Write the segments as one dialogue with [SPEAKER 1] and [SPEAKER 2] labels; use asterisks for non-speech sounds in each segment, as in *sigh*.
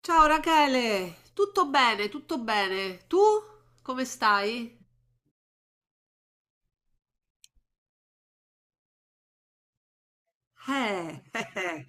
[SPEAKER 1] Ciao Rachele, tutto bene, tutto bene. Tu come stai? Eh, eh, eh.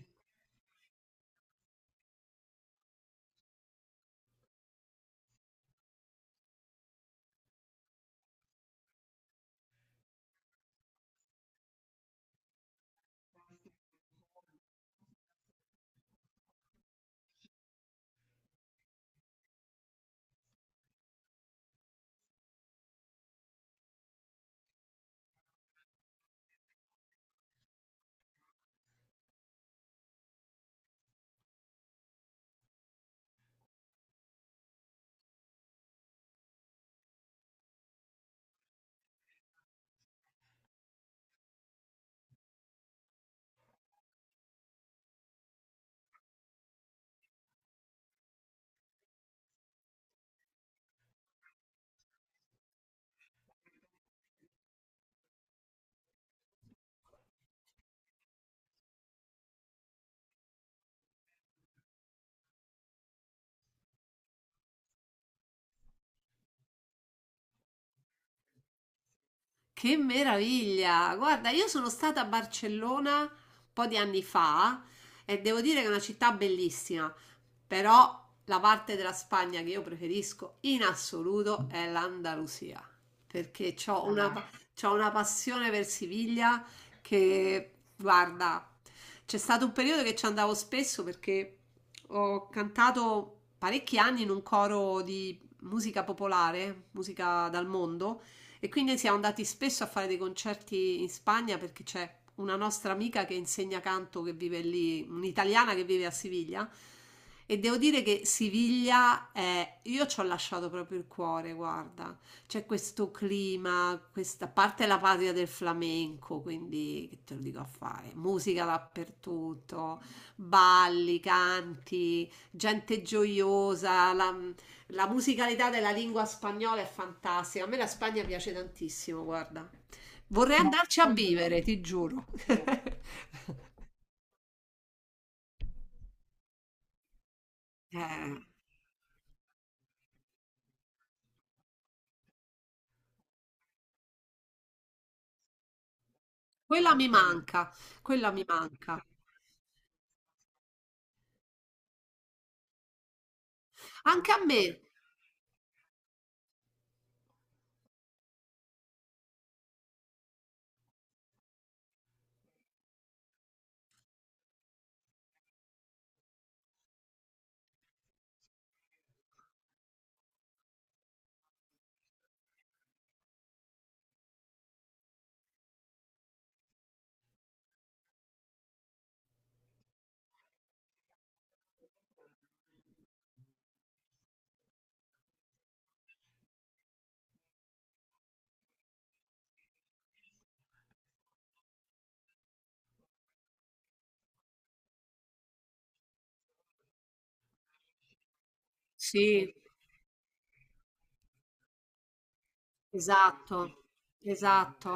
[SPEAKER 1] Che meraviglia! Guarda, io sono stata a Barcellona un po' di anni fa e devo dire che è una città bellissima, però la parte della Spagna che io preferisco in assoluto è l'Andalusia, perché c'ho una passione per Siviglia che, guarda, c'è stato un periodo che ci andavo spesso perché ho cantato parecchi anni in un coro di musica popolare, musica dal mondo. E quindi siamo andati spesso a fare dei concerti in Spagna perché c'è una nostra amica che insegna canto che vive lì, un'italiana che vive a Siviglia. E devo dire che Siviglia è, io ci ho lasciato proprio il cuore, guarda, c'è questo clima, questa a parte è la patria del flamenco, quindi che te lo dico a fare, musica dappertutto, balli, canti, gente gioiosa, la musicalità della lingua spagnola è fantastica. A me la Spagna piace tantissimo, guarda. Vorrei andarci a vivere, ti giuro. *laughs* Eh, quella mi manca, quella mi manca. Anche a me. Sì, esatto, esatto.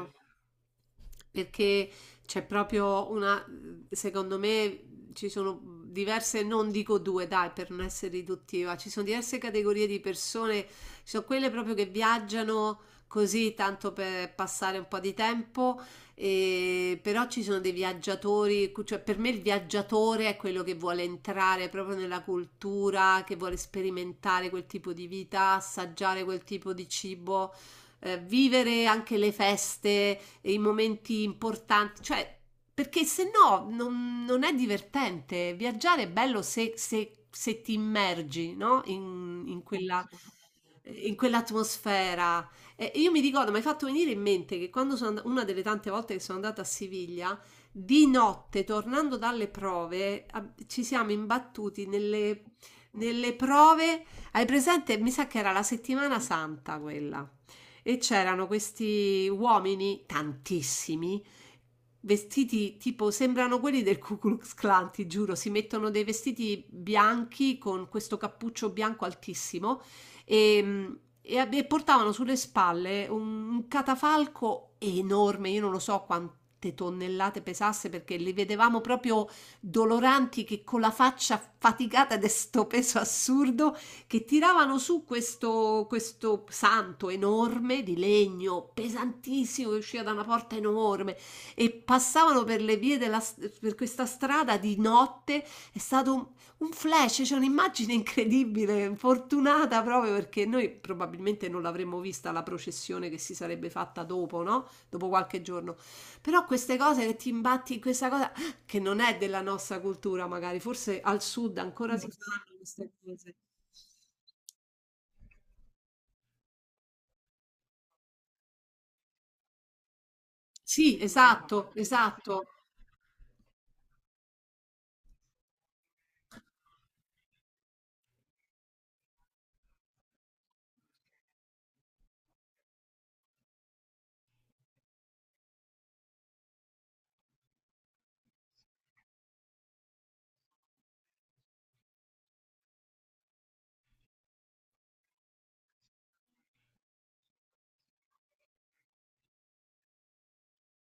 [SPEAKER 1] Perché c'è proprio una, secondo me ci sono diverse, non dico due, dai, per non essere riduttiva, ci sono diverse categorie di persone, ci sono quelle proprio che viaggiano così tanto per passare un po' di tempo, però ci sono dei viaggiatori, cioè per me il viaggiatore è quello che vuole entrare proprio nella cultura, che vuole sperimentare quel tipo di vita, assaggiare quel tipo di cibo, vivere anche le feste, i momenti importanti, cioè perché se no non è divertente. Viaggiare è bello se, se ti immergi, no? In quella, in quell'atmosfera. E io mi ricordo, mi hai fatto venire in mente che una delle tante volte che sono andata a Siviglia, di notte, tornando dalle prove, ci siamo imbattuti nelle prove. Hai presente? Mi sa che era la settimana santa quella. E c'erano questi uomini, tantissimi, vestiti tipo, sembrano quelli del Ku Klux Klan, ti giuro, si mettono dei vestiti bianchi con questo cappuccio bianco altissimo e, e portavano sulle spalle un catafalco enorme, io non lo so quante tonnellate pesasse perché li vedevamo proprio doloranti che con la faccia faticata di sto peso assurdo che tiravano su questo santo enorme di legno pesantissimo che usciva da una porta enorme e passavano per per questa strada di notte. È stato un flash, c'è un'immagine incredibile, fortunata proprio perché noi probabilmente non l'avremmo vista la processione che si sarebbe fatta dopo, no? Dopo qualche giorno. Però queste cose che ti imbatti in questa cosa ah, che non è della nostra cultura, magari, forse al sud ancora si fanno. Sì, esatto, esatto.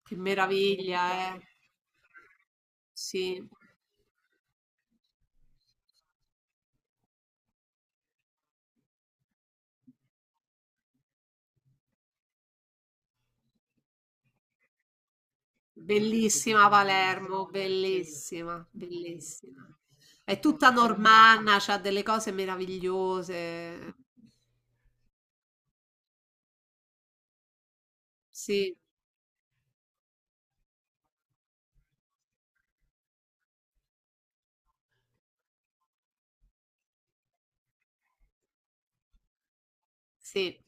[SPEAKER 1] Che meraviglia, eh. Sì. Bellissima Palermo, bellissima, bellissima. È tutta normanna, c'ha delle cose meravigliose. Sì, sì.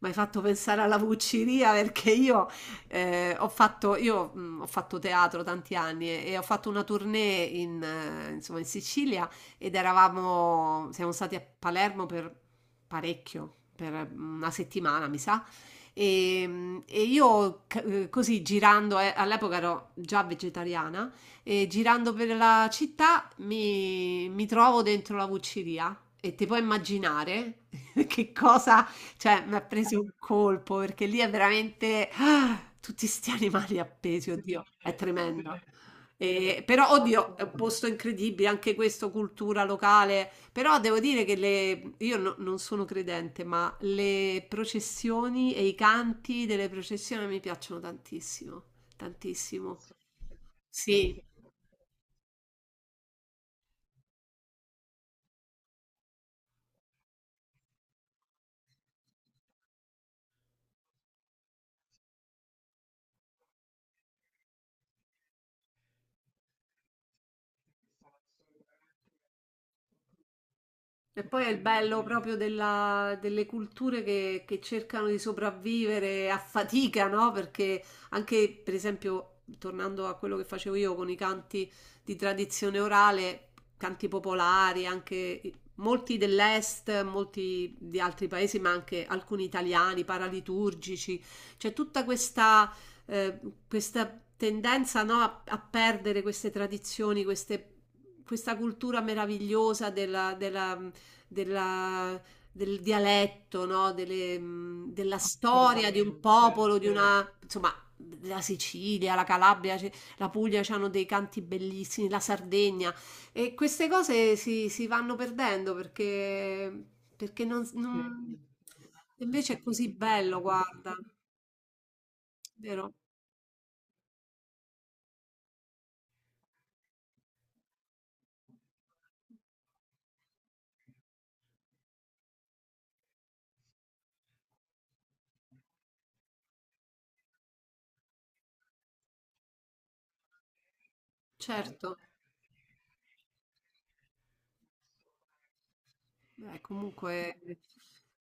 [SPEAKER 1] Mi hai fatto pensare alla Vucciria perché io, ho fatto teatro tanti anni e ho fatto una tournée insomma, in Sicilia ed siamo stati a Palermo per parecchio, per una settimana mi sa. E così girando, all'epoca ero già vegetariana, e girando per la città mi trovo dentro la Vucciria e ti puoi immaginare *laughs* che cosa, cioè, m'ha preso un colpo, perché lì è veramente ah, tutti 'sti animali appesi, oddio, è tremendo. Però oddio, è un posto incredibile, anche questo cultura locale, però devo dire che le io no, non sono credente, ma le processioni e i canti delle processioni mi piacciono tantissimo, tantissimo. Sì. E poi è il bello proprio delle culture che cercano di sopravvivere a fatica, no? Perché anche, per esempio, tornando a quello che facevo io con i canti di tradizione orale, canti popolari, anche molti dell'est, molti di altri paesi, ma anche alcuni italiani, paraliturgici, c'è tutta questa, eh, questa tendenza, no, a, a perdere queste tradizioni, questa cultura meravigliosa della, del dialetto, no? Delle, della storia di un popolo, di una, insomma, la Sicilia, la Calabria, la Puglia hanno dei canti bellissimi, la Sardegna, e queste cose si vanno perdendo perché, perché non, non- invece è così bello, guarda, vero? Certo. Beh, comunque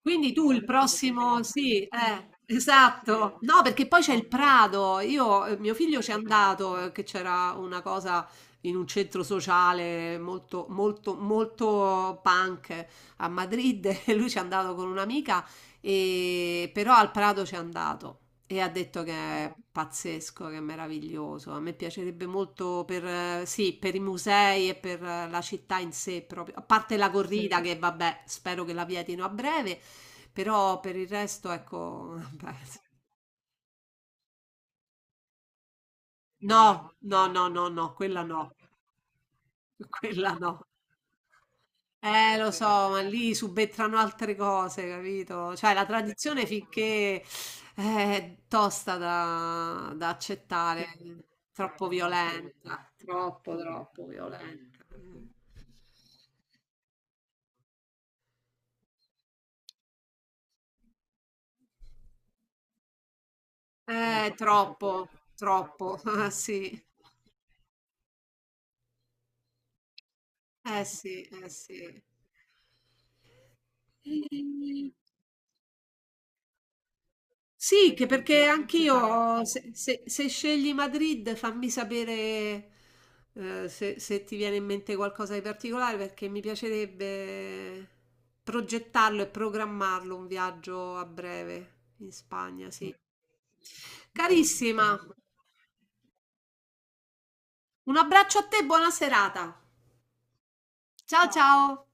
[SPEAKER 1] quindi tu il prossimo sì, esatto. No, perché poi c'è il Prado. Io, mio figlio ci è andato, che c'era una cosa in un centro sociale molto, molto, molto punk a Madrid *laughs* e lui ci è andato con un'amica però al Prado c'è andato e ha detto che è pazzesco, che è meraviglioso. A me piacerebbe molto per, sì, per i musei e per la città in sé proprio, a parte la corrida che vabbè, spero che la vietino a breve, però per il resto ecco, *laughs* vabbè. No, no, no, no, no, quella no, *laughs* quella no. Lo so, ma lì subentrano altre cose, capito? Cioè, la tradizione finché eh, è tosta da, da accettare, troppo violenta, troppo, troppo violenta. Troppo, troppo, *laughs* ah, sì, eh sì, eh sì. Sì, che perché anch'io, se scegli Madrid, fammi sapere se ti viene in mente qualcosa di particolare, perché mi piacerebbe progettarlo e programmarlo un viaggio a breve in Spagna, sì. Carissima, un abbraccio a te, buona serata. Ciao ciao.